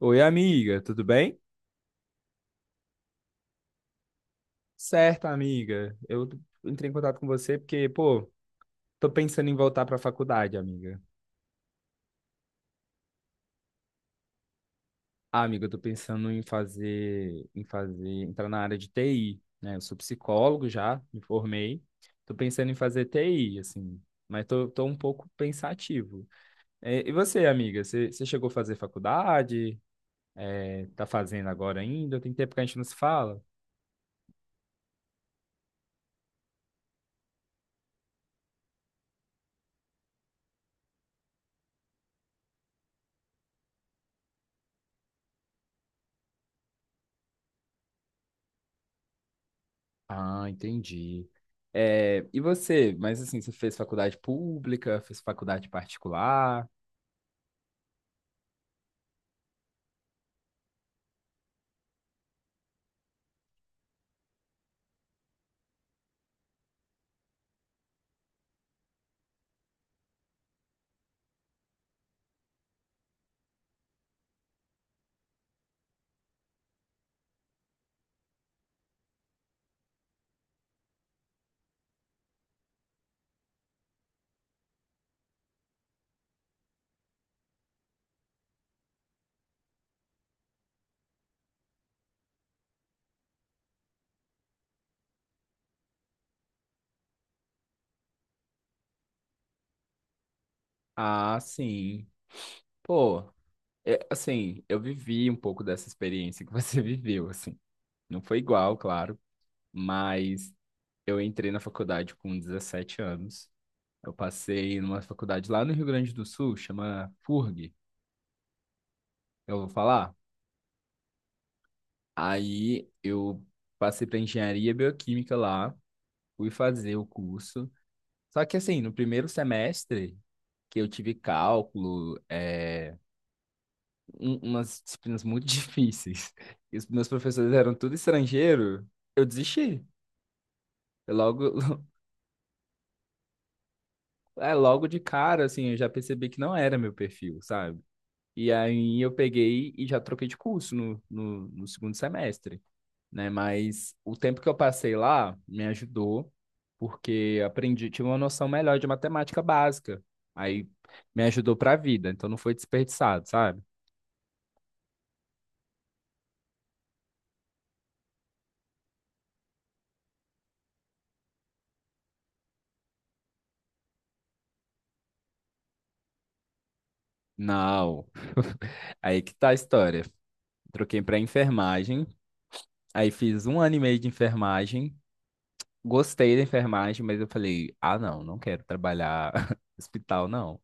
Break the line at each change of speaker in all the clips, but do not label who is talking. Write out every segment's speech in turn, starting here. Oi, amiga, tudo bem? Certo, amiga. Eu entrei em contato com você porque, pô, tô pensando em voltar pra faculdade, amiga. Ah, amiga, eu tô pensando entrar na área de TI, né? Eu sou psicólogo já, me formei. Tô pensando em fazer TI, assim, mas tô um pouco pensativo. E você, amiga, você chegou a fazer faculdade? Tá fazendo agora ainda? Tem tempo que a gente não se fala? Ah, entendi. É, e você? Mas assim, você fez faculdade pública, fez faculdade particular? Ah, sim. Pô, assim, eu vivi um pouco dessa experiência que você viveu, assim. Não foi igual, claro, mas eu entrei na faculdade com 17 anos. Eu passei numa faculdade lá no Rio Grande do Sul, chama FURG, eu vou falar. Aí eu passei para engenharia bioquímica lá, fui fazer o curso. Só que assim, no primeiro semestre que eu tive cálculo, umas disciplinas muito difíceis, e os meus professores eram tudo estrangeiro, eu desisti. Eu logo, logo de cara, assim, eu já percebi que não era meu perfil, sabe? E aí eu peguei e já troquei de curso no segundo semestre, né? Mas o tempo que eu passei lá me ajudou, porque aprendi, tive uma noção melhor de matemática básica. Aí me ajudou para a vida, então não foi desperdiçado, sabe? Não. Aí que tá a história. Troquei para enfermagem, aí fiz um ano e meio de enfermagem. Gostei da enfermagem, mas eu falei: "Ah, não, não quero trabalhar no hospital não,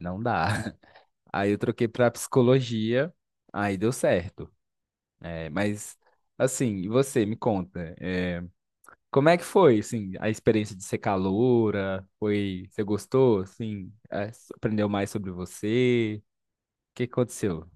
não dá". Aí eu troquei para psicologia, aí deu certo. Mas assim, e você me conta, como é que foi, assim, a experiência de ser caloura? Foi, você gostou, assim, aprendeu mais sobre você? O que aconteceu?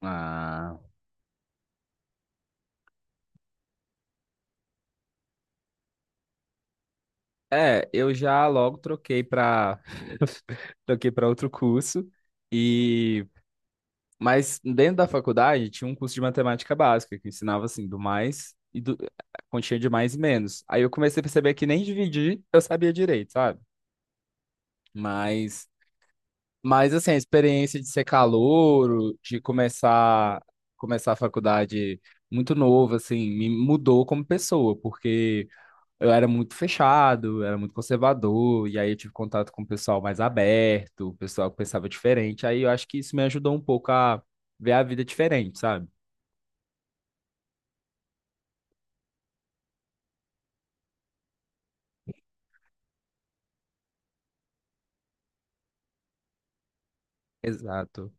Ah, eu já logo troquei para troquei para outro curso e mas dentro da faculdade tinha um curso de matemática básica que ensinava assim do mais e do a continha de mais e menos. Aí eu comecei a perceber que nem dividir eu sabia direito, sabe? Mas Mas assim, a experiência de ser calouro, de começar a faculdade muito novo, assim, me mudou como pessoa, porque eu era muito fechado, era muito conservador, e aí eu tive contato com o pessoal mais aberto, o pessoal que pensava diferente. Aí eu acho que isso me ajudou um pouco a ver a vida diferente, sabe? Exato.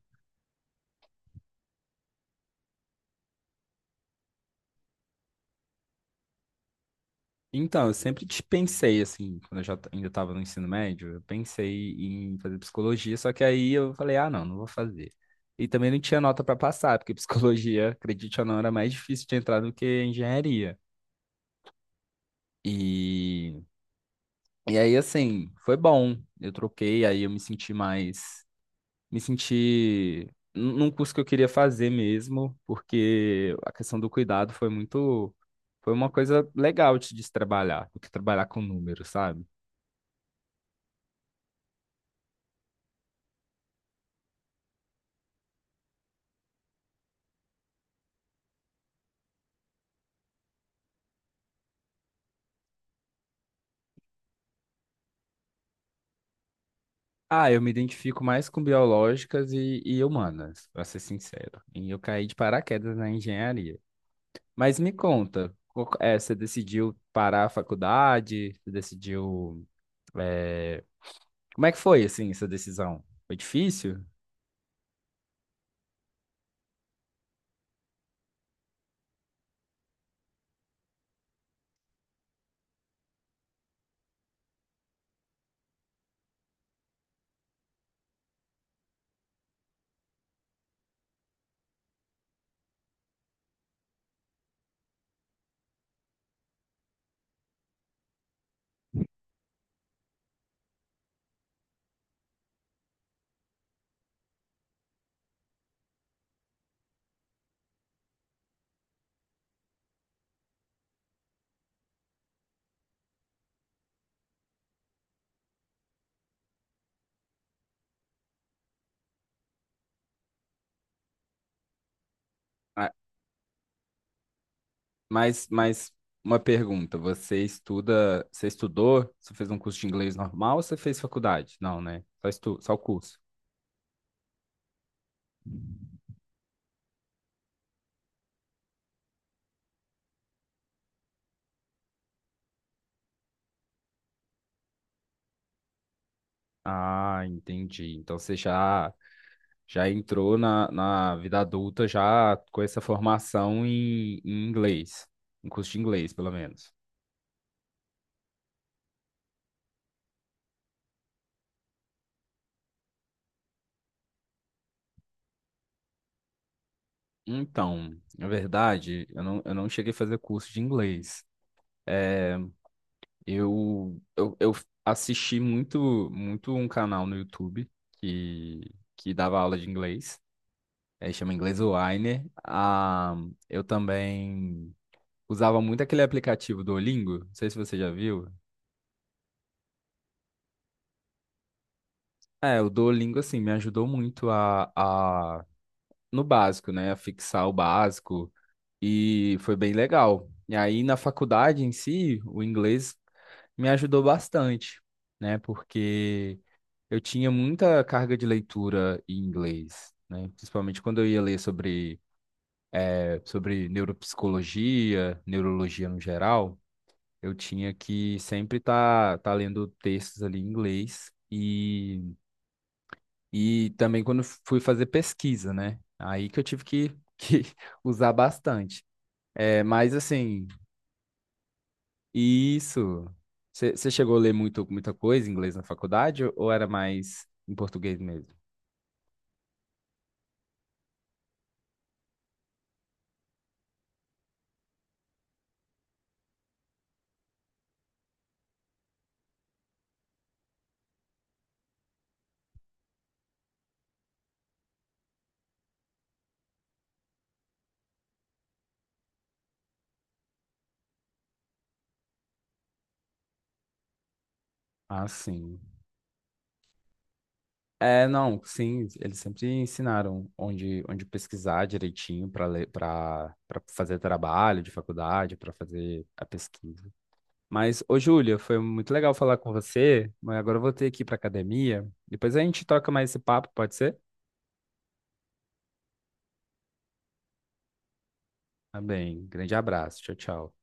Então, eu sempre te pensei, assim, quando eu já ainda estava no ensino médio, eu pensei em fazer psicologia, só que aí eu falei, ah, não, não vou fazer. E também não tinha nota para passar, porque psicologia, acredite ou não, era mais difícil de entrar do que engenharia. E, e aí, assim, foi bom. Eu troquei, aí eu me senti mais. Me senti num curso que eu queria fazer mesmo, porque a questão do cuidado foi muito. Foi uma coisa legal de se trabalhar, do que trabalhar com números, sabe? Ah, eu me identifico mais com biológicas e humanas, para ser sincero. E eu caí de paraquedas na engenharia. Mas me conta, você decidiu parar a faculdade? Você decidiu. eh, Como é que foi, assim, essa decisão? Foi difícil? Ah, mas uma pergunta: você estuda, você estudou? Você fez um curso de inglês normal ou você fez faculdade? Não, né? Só o curso. Ah, entendi. Então você já. Já entrou na vida adulta já com essa formação em inglês, em curso de inglês, pelo menos. Então, na verdade, eu não cheguei a fazer curso de inglês. Eu assisti muito, muito um canal no YouTube que, que dava aula de inglês. É, chama Inglês Winer. Ah, eu também usava muito aquele aplicativo Duolingo. Não sei se você já viu. É, o Duolingo, assim, me ajudou muito no básico, né? A fixar o básico. E foi bem legal. E aí, na faculdade em si, o inglês me ajudou bastante, né? Porque eu tinha muita carga de leitura em inglês, né? Principalmente quando eu ia ler sobre neuropsicologia, neurologia no geral, eu tinha que sempre estar tá lendo textos ali em inglês e também quando fui fazer pesquisa, né? Aí que eu tive que, que usar bastante. É, mas assim, isso. Você chegou a ler muito, muita coisa em inglês na faculdade ou era mais em português mesmo? Ah, sim. É, não, sim, eles sempre ensinaram onde pesquisar direitinho para ler, para fazer trabalho de faculdade, para fazer a pesquisa. Mas, ô Júlia, foi muito legal falar com você, mas agora eu vou ter que ir para academia. Depois a gente troca mais esse papo, pode ser? Tá bem, grande abraço, tchau, tchau.